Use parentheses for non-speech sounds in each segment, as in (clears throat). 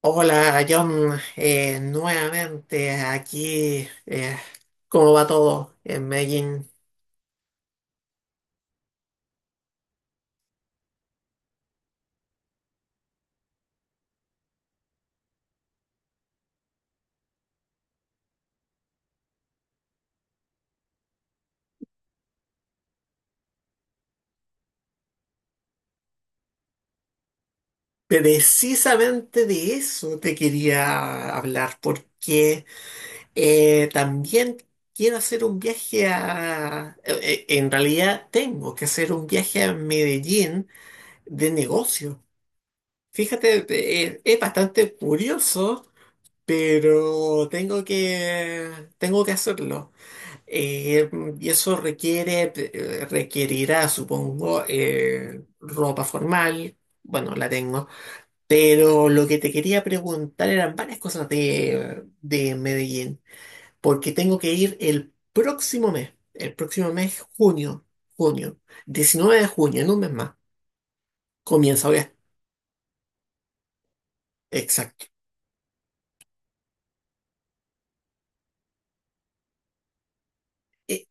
Hola, John. Nuevamente aquí. ¿Cómo va todo en Medellín? Precisamente de eso te quería hablar, porque también quiero hacer un viaje a... en realidad tengo que hacer un viaje a Medellín de negocio. Fíjate, es bastante curioso, pero tengo que hacerlo. Eh, y eso requiere, requerirá, supongo, ropa formal. Bueno, la tengo. Pero lo que te quería preguntar eran varias cosas de Medellín, porque tengo que ir el próximo mes, el próximo mes, junio, 19 de junio, en un mes más. Comienza, Exacto. Eh,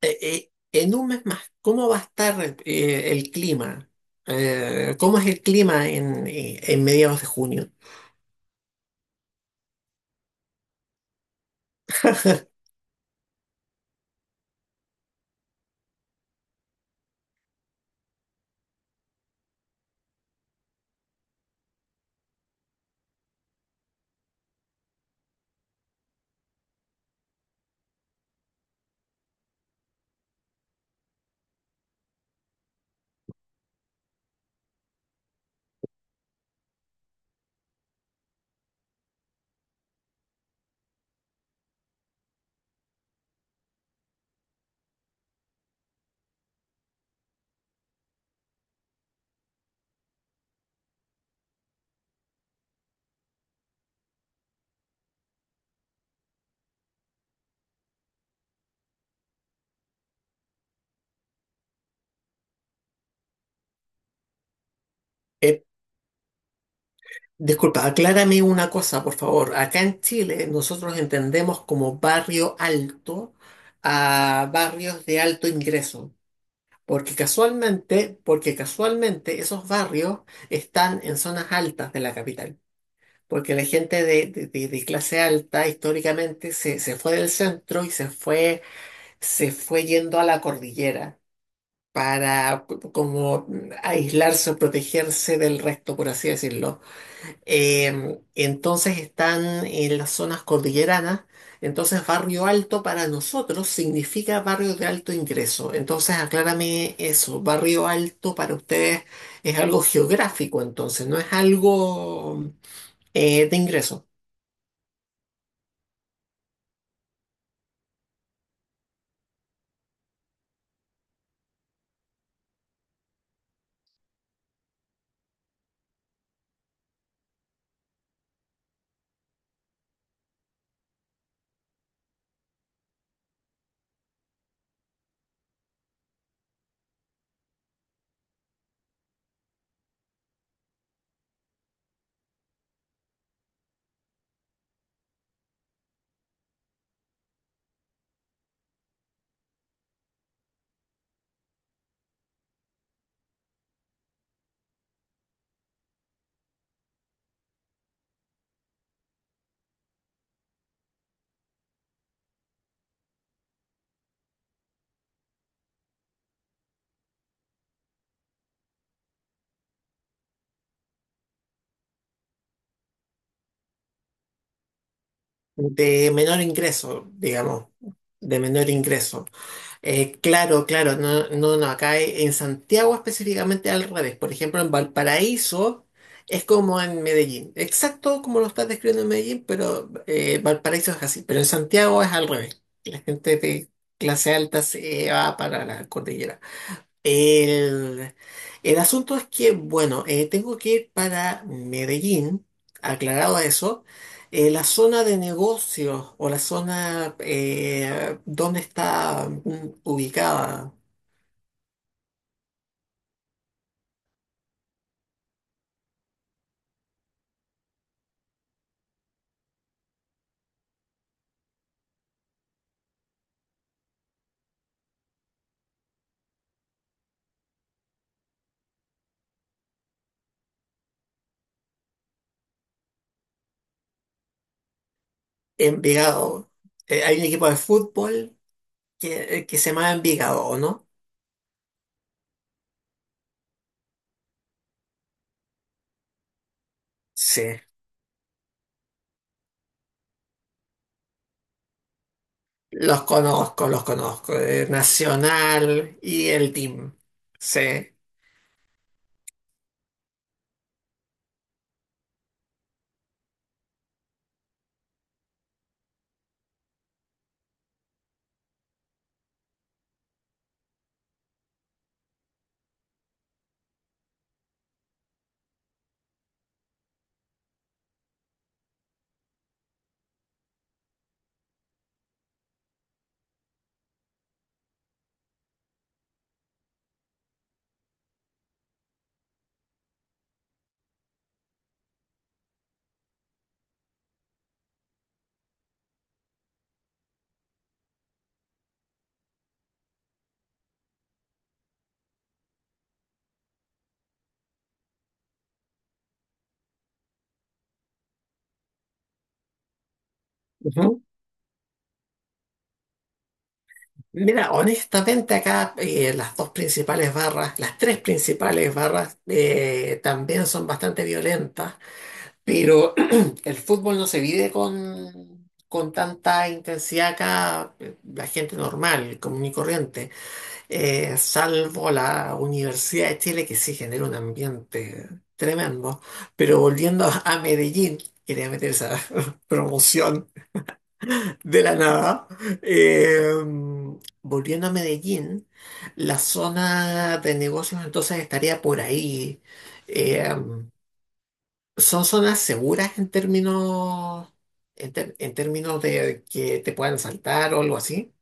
eh, en un mes más, ¿cómo va a estar el clima? ¿Cómo es el clima en mediados de junio? Eh, Disculpa, aclárame una cosa, por favor. Acá en Chile nosotros entendemos como barrio alto a barrios de alto ingreso, porque casualmente esos barrios están en zonas altas de la capital, porque la gente de clase alta históricamente se fue del centro y se fue yendo a la cordillera. Para como aislarse o protegerse del resto, por así decirlo. Entonces están en las zonas cordilleranas. Entonces, barrio alto para nosotros significa barrio de alto ingreso. Entonces, aclárame eso. Barrio alto para ustedes es algo geográfico, entonces, no es algo de ingreso, de menor ingreso, digamos, de menor ingreso. Claro, claro, no, no, no, acá en Santiago específicamente al revés. Por ejemplo, en Valparaíso es como en Medellín, exacto como lo estás describiendo en Medellín, pero Valparaíso es así. Pero en Santiago es al revés. La gente de clase alta se va para la cordillera. El, el asunto es que, bueno, tengo que ir para Medellín, aclarado eso. La zona de negocios o la zona donde está ubicada Envigado. Hay un equipo de fútbol que se llama Envigado, ¿o no? Sí, los conozco, los conozco. Nacional y el Team. Sí. Mira, honestamente acá las dos principales barras, las tres principales barras también son bastante violentas, pero (clears throat) el fútbol no se vive con tanta intensidad acá. La gente normal, común y corriente, salvo la Universidad de Chile que sí genera un ambiente tremendo. Pero volviendo a Medellín, quería meter esa (laughs) promoción de la nada. Eh, Volviendo a Medellín, la zona de negocios entonces estaría por ahí. Eh, Son zonas seguras en términos, en términos de que te puedan asaltar o algo así.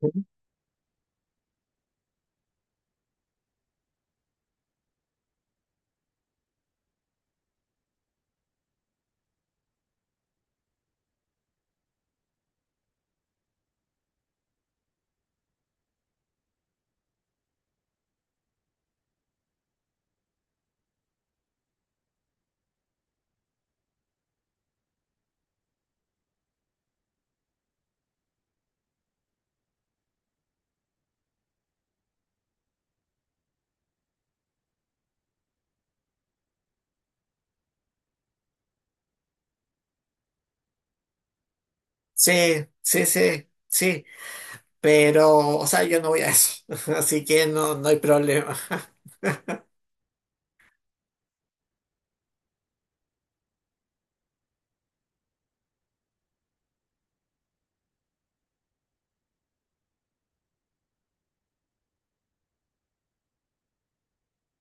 Ujú. Sí, sí, sí, sí. Pero, o sea, yo no voy a eso. (laughs) Así que no, no hay problema. (laughs)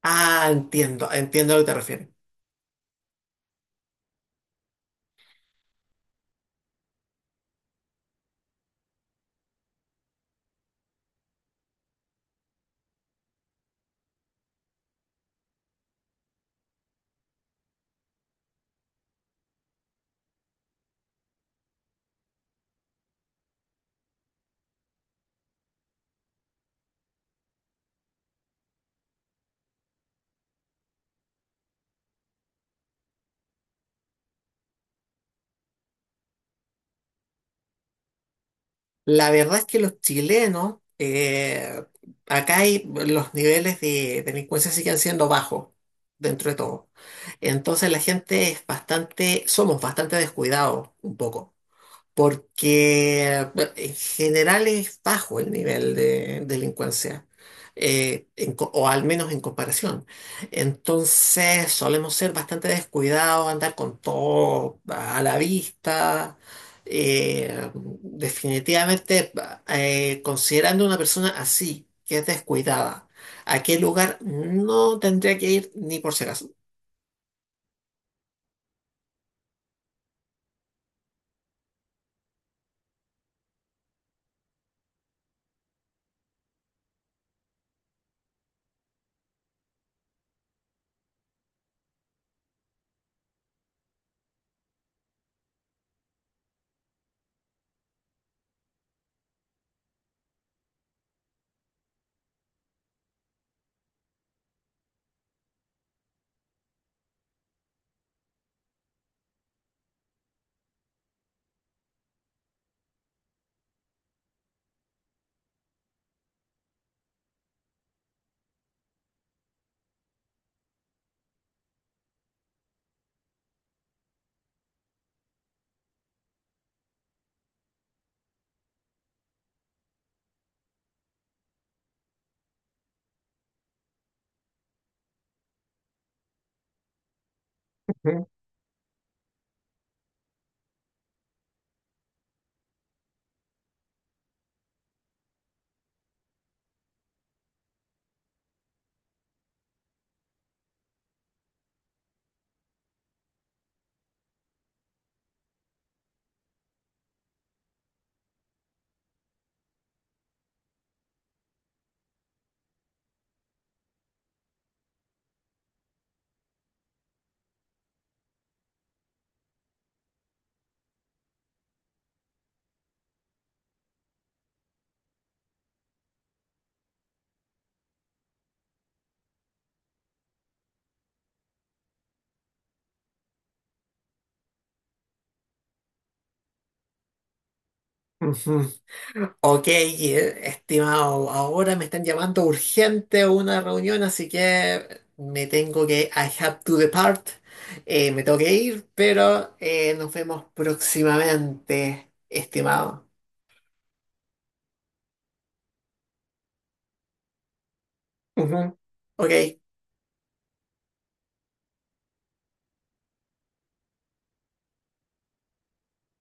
Ah, entiendo, entiendo a lo que te refieres. La verdad es que los chilenos, acá hay, los niveles de delincuencia siguen siendo bajos dentro de todo. Entonces la gente es bastante, somos bastante descuidados un poco porque bueno, en general es bajo el nivel de delincuencia, o al menos en comparación. Entonces solemos ser bastante descuidados, andar con todo a la vista. Definitivamente, considerando una persona así, que es descuidada, ¿a qué lugar no tendría que ir ni por si acaso? Ujú, ujú. Ok, estimado, ahora me están llamando urgente a una reunión, así que I have to depart. Me tengo que ir, pero nos vemos próximamente, estimado. Ujú. Ok.